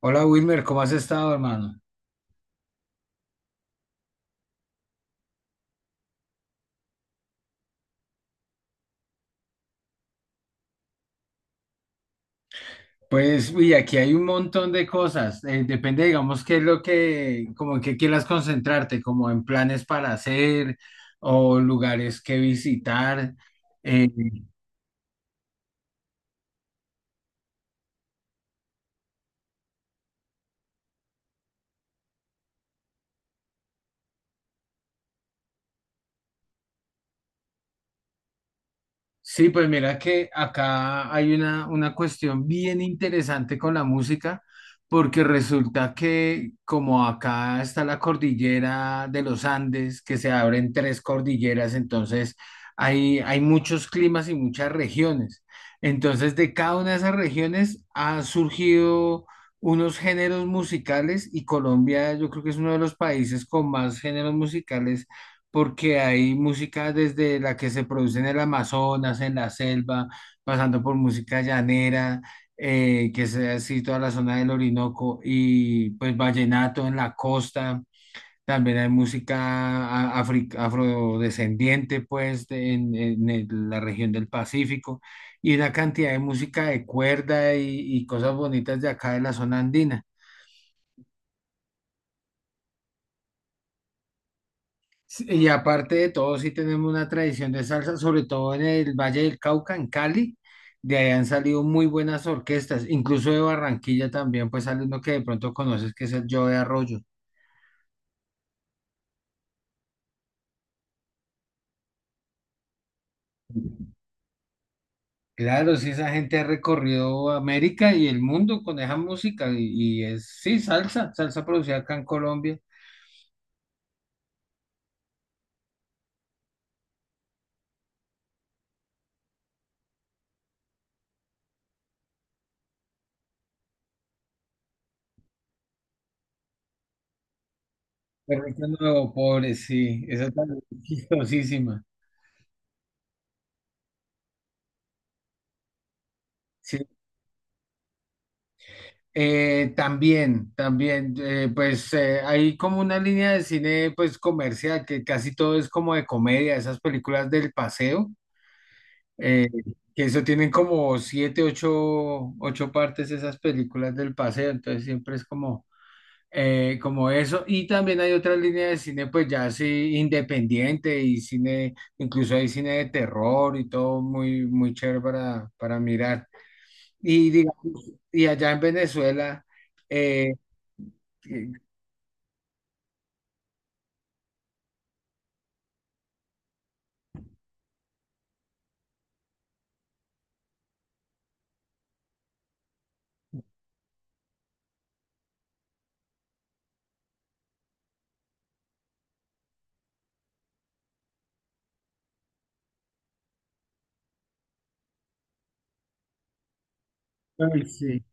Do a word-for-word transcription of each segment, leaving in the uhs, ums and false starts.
Hola Wilmer, ¿cómo has estado, hermano? Pues, uy, aquí hay un montón de cosas. Eh, depende, digamos, qué es lo que, como en qué quieras concentrarte, como en planes para hacer o lugares que visitar. eh, Sí, pues mira que acá hay una, una cuestión bien interesante con la música, porque resulta que como acá está la cordillera de los Andes, que se abren tres cordilleras, entonces hay, hay muchos climas y muchas regiones. Entonces de cada una de esas regiones han surgido unos géneros musicales y Colombia yo creo que es uno de los países con más géneros musicales porque hay música desde la que se produce en el Amazonas, en la selva, pasando por música llanera, eh, que sea así toda la zona del Orinoco, y pues vallenato en la costa. También hay música a- afri- afrodescendiente, pues, de- en, en el- la región del Pacífico, y una cantidad de música de cuerda y, y cosas bonitas de acá de la zona andina. Sí, y aparte de todo, sí tenemos una tradición de salsa, sobre todo en el Valle del Cauca, en Cali. De ahí han salido muy buenas orquestas, incluso de Barranquilla también, pues sale uno que de pronto conoces, que es el Joe de Arroyo. Claro, sí, esa gente ha recorrido América y el mundo con esa música y, y es, sí, salsa, salsa producida acá en Colombia. Perrito Nuevo Pobre, sí, esa es talentosísima. Eh, también, también, eh, pues eh, hay como una línea de cine pues comercial que casi todo es como de comedia, esas películas del paseo, eh, que eso tienen como siete, ocho, ocho partes esas películas del paseo, entonces siempre es como, eh, como eso. Y también hay otra línea de cine pues ya así independiente y cine, incluso hay cine de terror y todo muy, muy chévere para, para mirar. Y digamos, y allá en Venezuela. Eh, que- Uy, sí.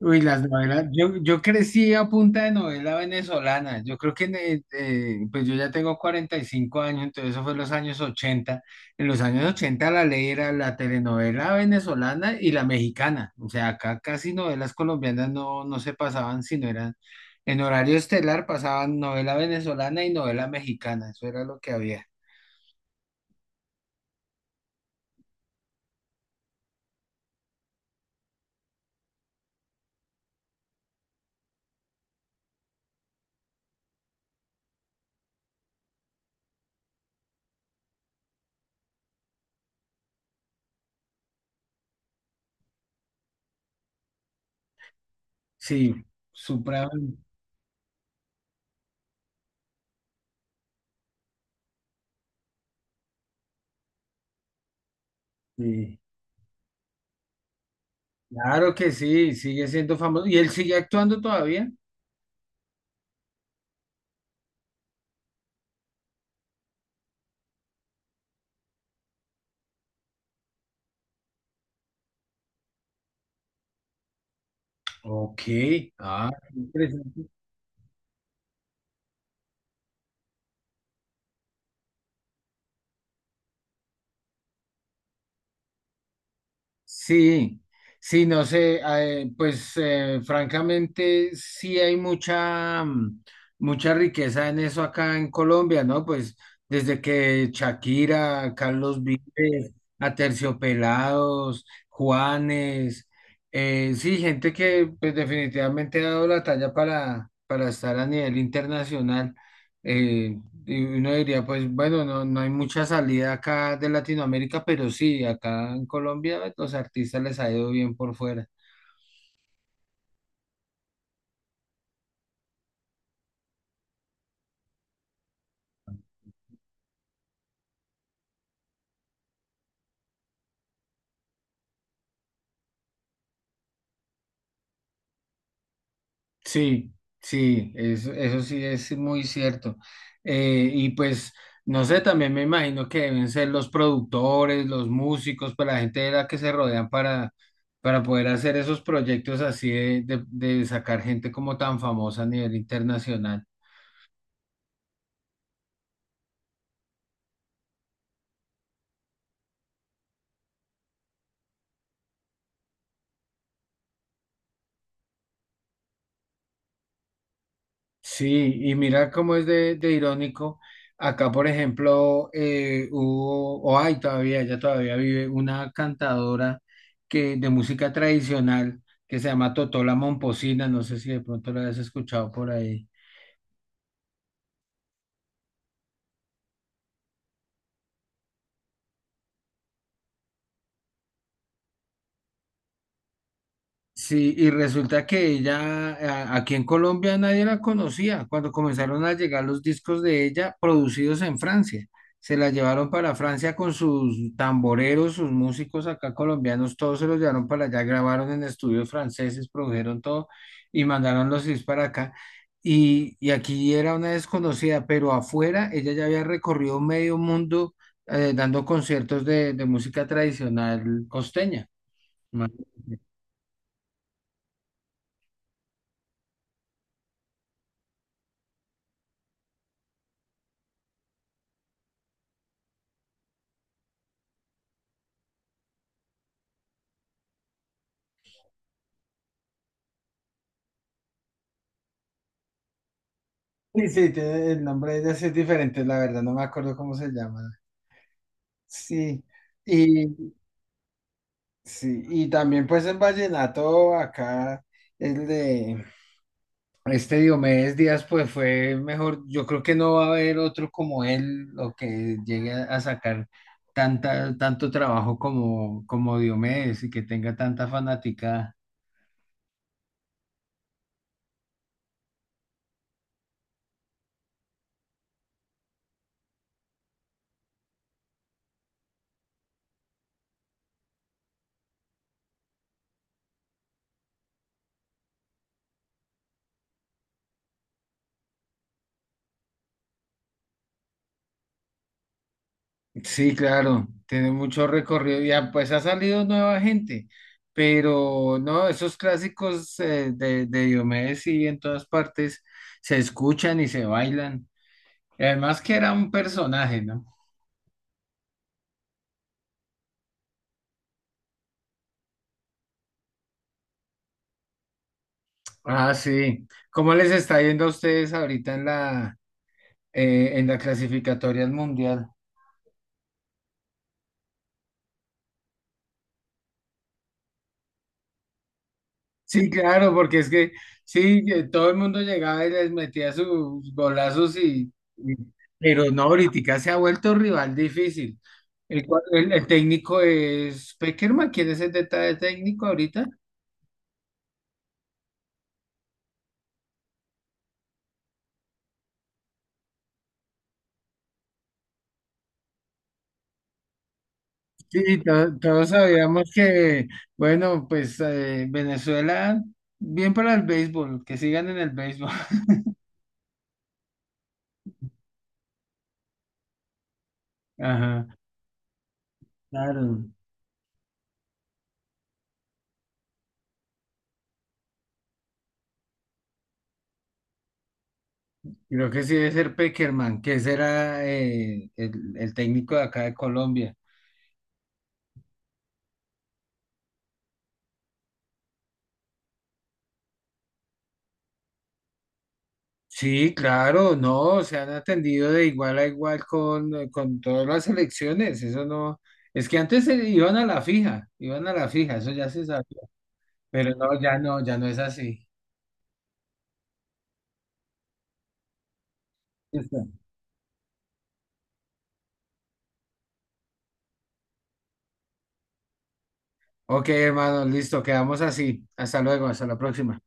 Uy, las novelas. Yo, yo crecí a punta de novela venezolana. Yo creo que, en el- eh, pues yo ya tengo cuarenta y cinco años, entonces eso fue en los años ochenta. En los años ochenta la ley era la telenovela venezolana y la mexicana. O sea, acá casi novelas colombianas no, no se pasaban, sino eran en horario estelar pasaban novela venezolana y novela mexicana. Eso era lo que había. Sí, Supra. Sí. Claro que sí, sigue siendo famoso. ¿Y él sigue actuando todavía? Ok, ah, qué interesante. Sí, sí, no sé, ah, eh, pues eh, francamente sí hay mucha, mm, mucha riqueza en eso acá en Colombia, ¿no? Pues desde que Shakira, Carlos Vives, Aterciopelados, Juanes, eh, sí, gente que pues definitivamente ha dado la talla para, para estar a nivel internacional. Eh, Y uno diría, pues bueno, no, no hay mucha salida acá de Latinoamérica, pero sí, acá en Colombia los artistas les ha ido bien por fuera. Sí, sí, eso, eso sí es muy cierto. Eh, y pues, no sé, también me imagino que deben ser los productores, los músicos, pues la gente de la que se rodean para, para poder hacer esos proyectos así de, de de sacar gente como tan famosa a nivel internacional. Sí, y mira cómo es de, de irónico. Acá, por ejemplo, eh, hubo, o hay todavía, ella todavía vive, una cantadora que, de música tradicional que se llama Totola Momposina, no sé si de pronto la has escuchado por ahí. Sí, y resulta que ella, a- aquí en Colombia nadie la conocía. Cuando comenzaron a llegar los discos de ella producidos en Francia, se la llevaron para Francia con sus tamboreros, sus músicos acá colombianos, todos se los llevaron para allá, grabaron en estudios franceses, produjeron todo y mandaron los discos para acá. Y, y aquí era una desconocida, pero afuera ella ya había recorrido medio mundo eh, dando conciertos de, de música tradicional costeña. Sí, sí, tiene el nombre de ella es diferente, la verdad, no me acuerdo cómo se llama. Sí, y sí, y también pues en vallenato acá el de este Diomedes Díaz pues fue mejor, yo creo que no va a haber otro como él o que llegue a sacar tanta, tanto trabajo como, como Diomedes y que tenga tanta fanática. Sí, claro, tiene mucho recorrido. Ya, pues ha salido nueva gente, pero no, esos clásicos eh, de, de Diomedes sí en todas partes se escuchan y se bailan. Y además que era un personaje, ¿no? Ah, sí. ¿Cómo les está yendo a ustedes ahorita en la, eh, en la clasificatoria al mundial? Sí, claro, porque es que sí, que todo el mundo llegaba y les metía sus golazos y, y- pero no, ahorita se ha vuelto rival difícil. El, cua- el- el técnico es Peckerman, ¿quién es el detalle técnico ahorita? Sí, to- todos sabíamos que, bueno, pues eh, Venezuela, bien para el béisbol, que sigan en el béisbol. Ajá, claro. Creo que sí debe ser Peckerman, que ese era eh, el, el técnico de acá de Colombia. Sí, claro, no, se han atendido de igual a igual con, eh, con todas las elecciones, eso no, es que antes se iban a la fija, iban a la fija, eso ya se sabía, pero no, ya no, ya no es así. Listo. Ok, hermano, listo, quedamos así, hasta luego, hasta la próxima.